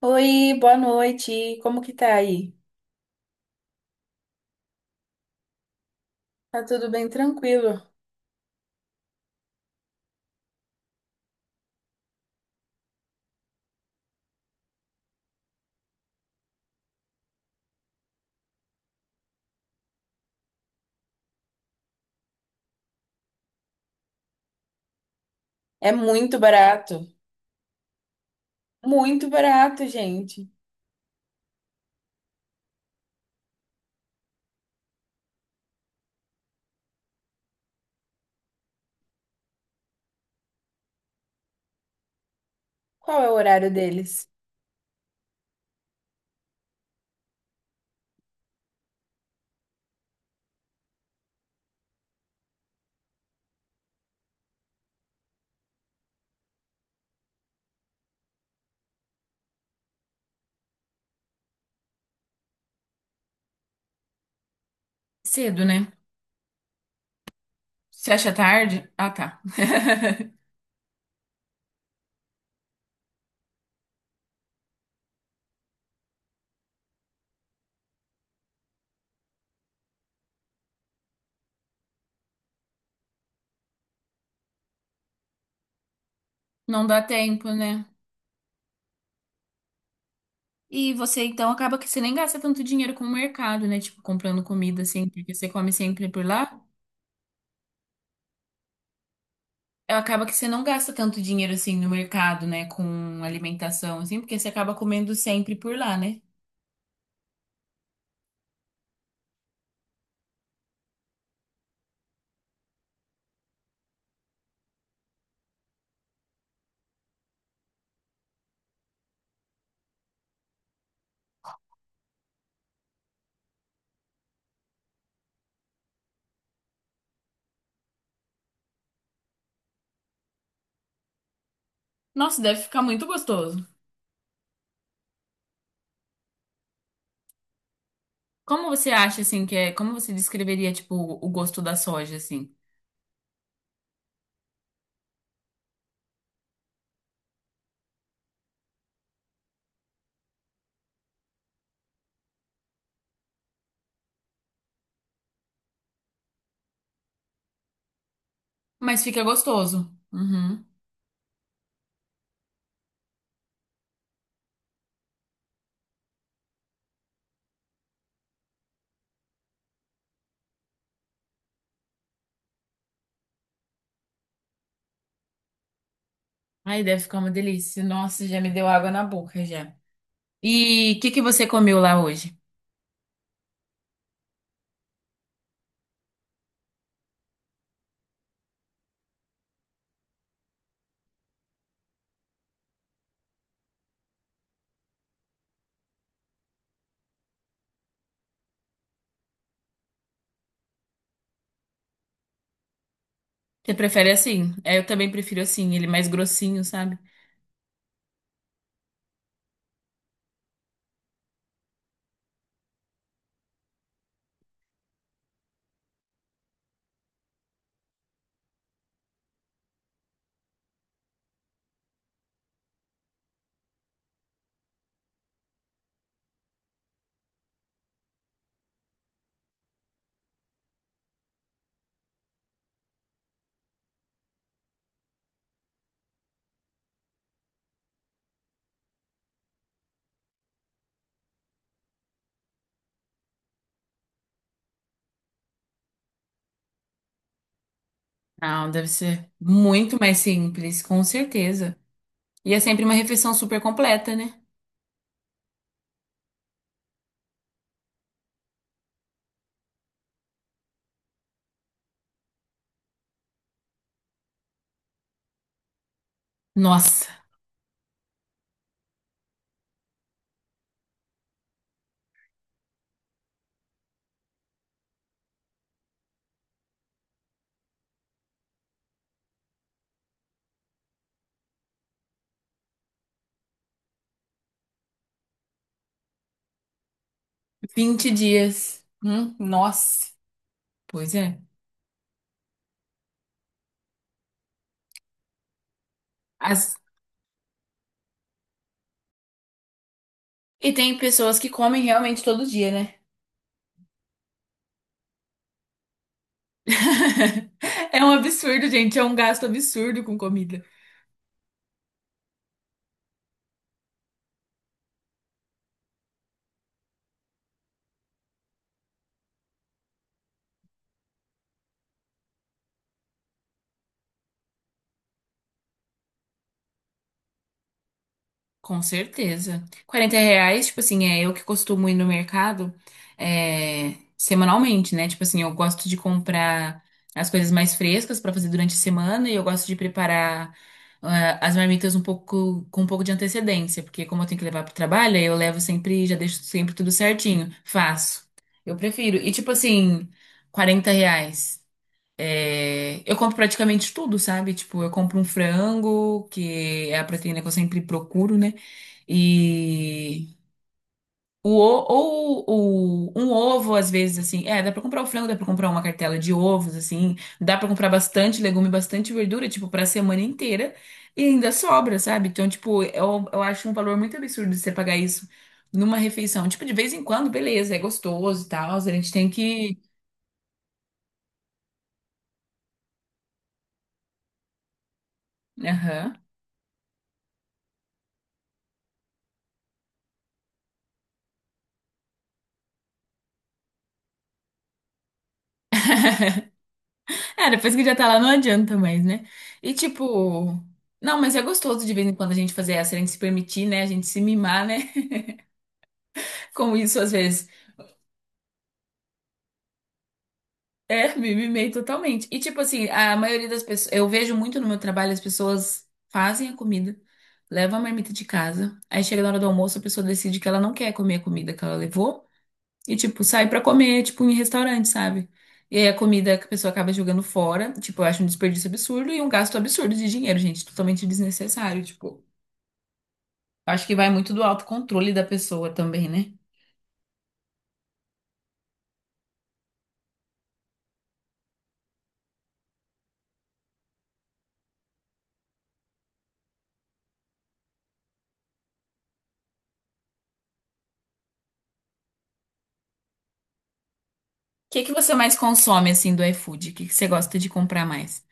Oi, boa noite. Como que tá aí? Tá tudo bem tranquilo. É muito barato. Muito barato, gente. Qual é o horário deles? Cedo, né? Você acha tarde? Ah, tá. Não dá tempo, né? E você então acaba que você nem gasta tanto dinheiro com o mercado, né? Tipo, comprando comida assim, porque você come sempre por lá. Acaba que você não gasta tanto dinheiro assim no mercado, né? Com alimentação, assim, porque você acaba comendo sempre por lá, né? Nossa, deve ficar muito gostoso. Como você acha assim que é, como você descreveria tipo o gosto da soja assim? Mas fica gostoso. Uhum. Aí deve ficar uma delícia. Nossa, já me deu água na boca já. E o que que você comeu lá hoje? Você prefere assim? É, eu também prefiro assim, ele mais grossinho, sabe? Não, deve ser muito mais simples, com certeza. E é sempre uma refeição super completa, né? Nossa, 20 dias. Nossa. Pois é. As- E tem pessoas que comem realmente todo dia, né? É um absurdo, gente. É um gasto absurdo com comida. Com certeza. 40 reais, tipo assim, é eu que costumo ir no mercado semanalmente, né? Tipo assim, eu gosto de comprar as coisas mais frescas pra fazer durante a semana e eu gosto de preparar as marmitas um pouco com um pouco de antecedência, porque como eu tenho que levar pro trabalho, aí eu levo sempre, já deixo sempre tudo certinho. Faço. Eu prefiro. E tipo assim, 40 reais. É, eu compro praticamente tudo, sabe? Tipo, eu compro um frango, que é a proteína que eu sempre procuro, né? E ou um ovo, às vezes, assim. É, dá pra comprar o frango, dá pra comprar uma cartela de ovos, assim. Dá pra comprar bastante legume, bastante verdura, tipo, pra semana inteira. E ainda sobra, sabe? Então, tipo, eu acho um valor muito absurdo você pagar isso numa refeição. Tipo, de vez em quando, beleza, é gostoso e tal. A gente tem que. Aham. É, depois que já tá lá não adianta mais, né? E tipo, não, mas é gostoso de vez em quando a gente fazer essa, a gente se permitir, né? A gente se mimar, né? Com isso, às vezes. É, me mimei totalmente. E tipo assim, a maioria das pessoas, eu vejo muito no meu trabalho, as pessoas fazem a comida, levam a marmita de casa, aí chega na hora do almoço, a pessoa decide que ela não quer comer a comida que ela levou e tipo, sai pra comer, tipo, em restaurante, sabe? E aí a comida que a pessoa acaba jogando fora, tipo, eu acho um desperdício absurdo e um gasto absurdo de dinheiro, gente, totalmente desnecessário, tipo. Acho que vai muito do autocontrole da pessoa também, né? O que que você mais consome, assim, do iFood? O que que você gosta de comprar mais?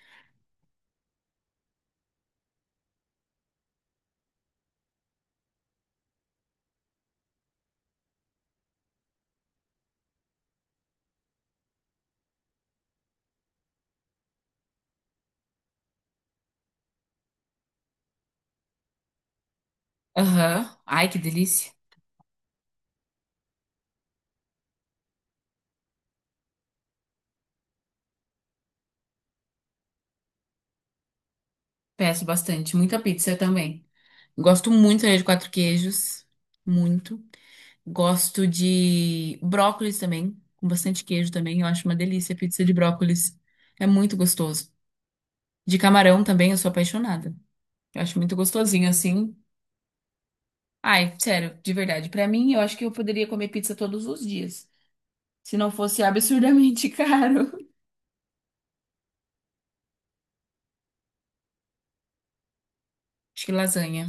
Aham. Ai, que delícia. Peço bastante. Muita pizza também. Gosto muito de 4 queijos. Muito. Gosto de brócolis também. Com bastante queijo também. Eu acho uma delícia a pizza de brócolis. É muito gostoso. De camarão também, eu sou apaixonada. Eu acho muito gostosinho, assim. Ai, sério, de verdade. Pra mim, eu acho que eu poderia comer pizza todos os dias. Se não fosse absurdamente caro. Acho que lasanha.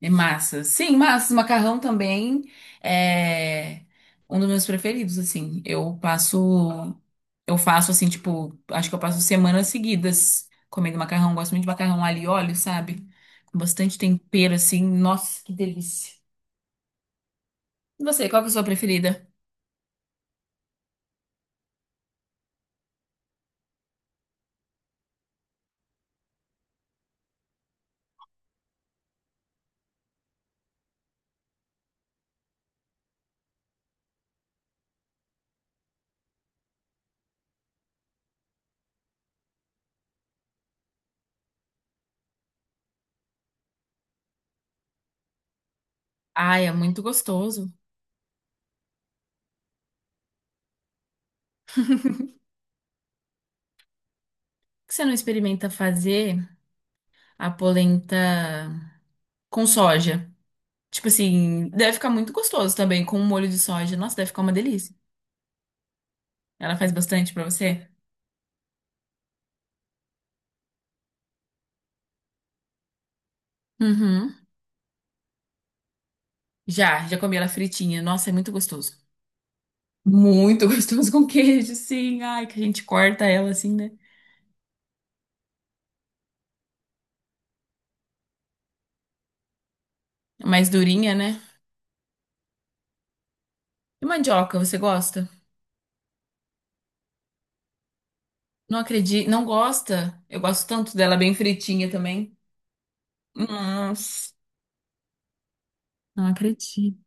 É massa. Sim, massa. Macarrão também é um dos meus preferidos, assim. Eu passo. Eu faço, assim, tipo. Acho que eu passo semanas seguidas comendo macarrão. Gosto muito de macarrão alho e óleo, sabe? Com bastante tempero, assim. Nossa, que delícia. E você, qual que é a sua preferida? Ai, é muito gostoso. Por que você não experimenta fazer a polenta com soja? Tipo assim, deve ficar muito gostoso também com um molho de soja. Nossa, deve ficar uma delícia. Ela faz bastante pra você? Uhum. Já comi ela fritinha. Nossa, é muito gostoso. Muito gostoso com queijo, sim. Ai, que a gente corta ela assim, né? É mais durinha, né? E mandioca, você gosta? Não acredito, não gosta? Eu gosto tanto dela bem fritinha também. Nossa, não acredito.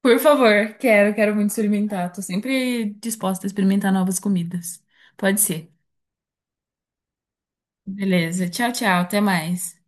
Por favor, quero muito experimentar. Tô sempre disposta a experimentar novas comidas. Pode ser. Beleza. Tchau, tchau. Até mais.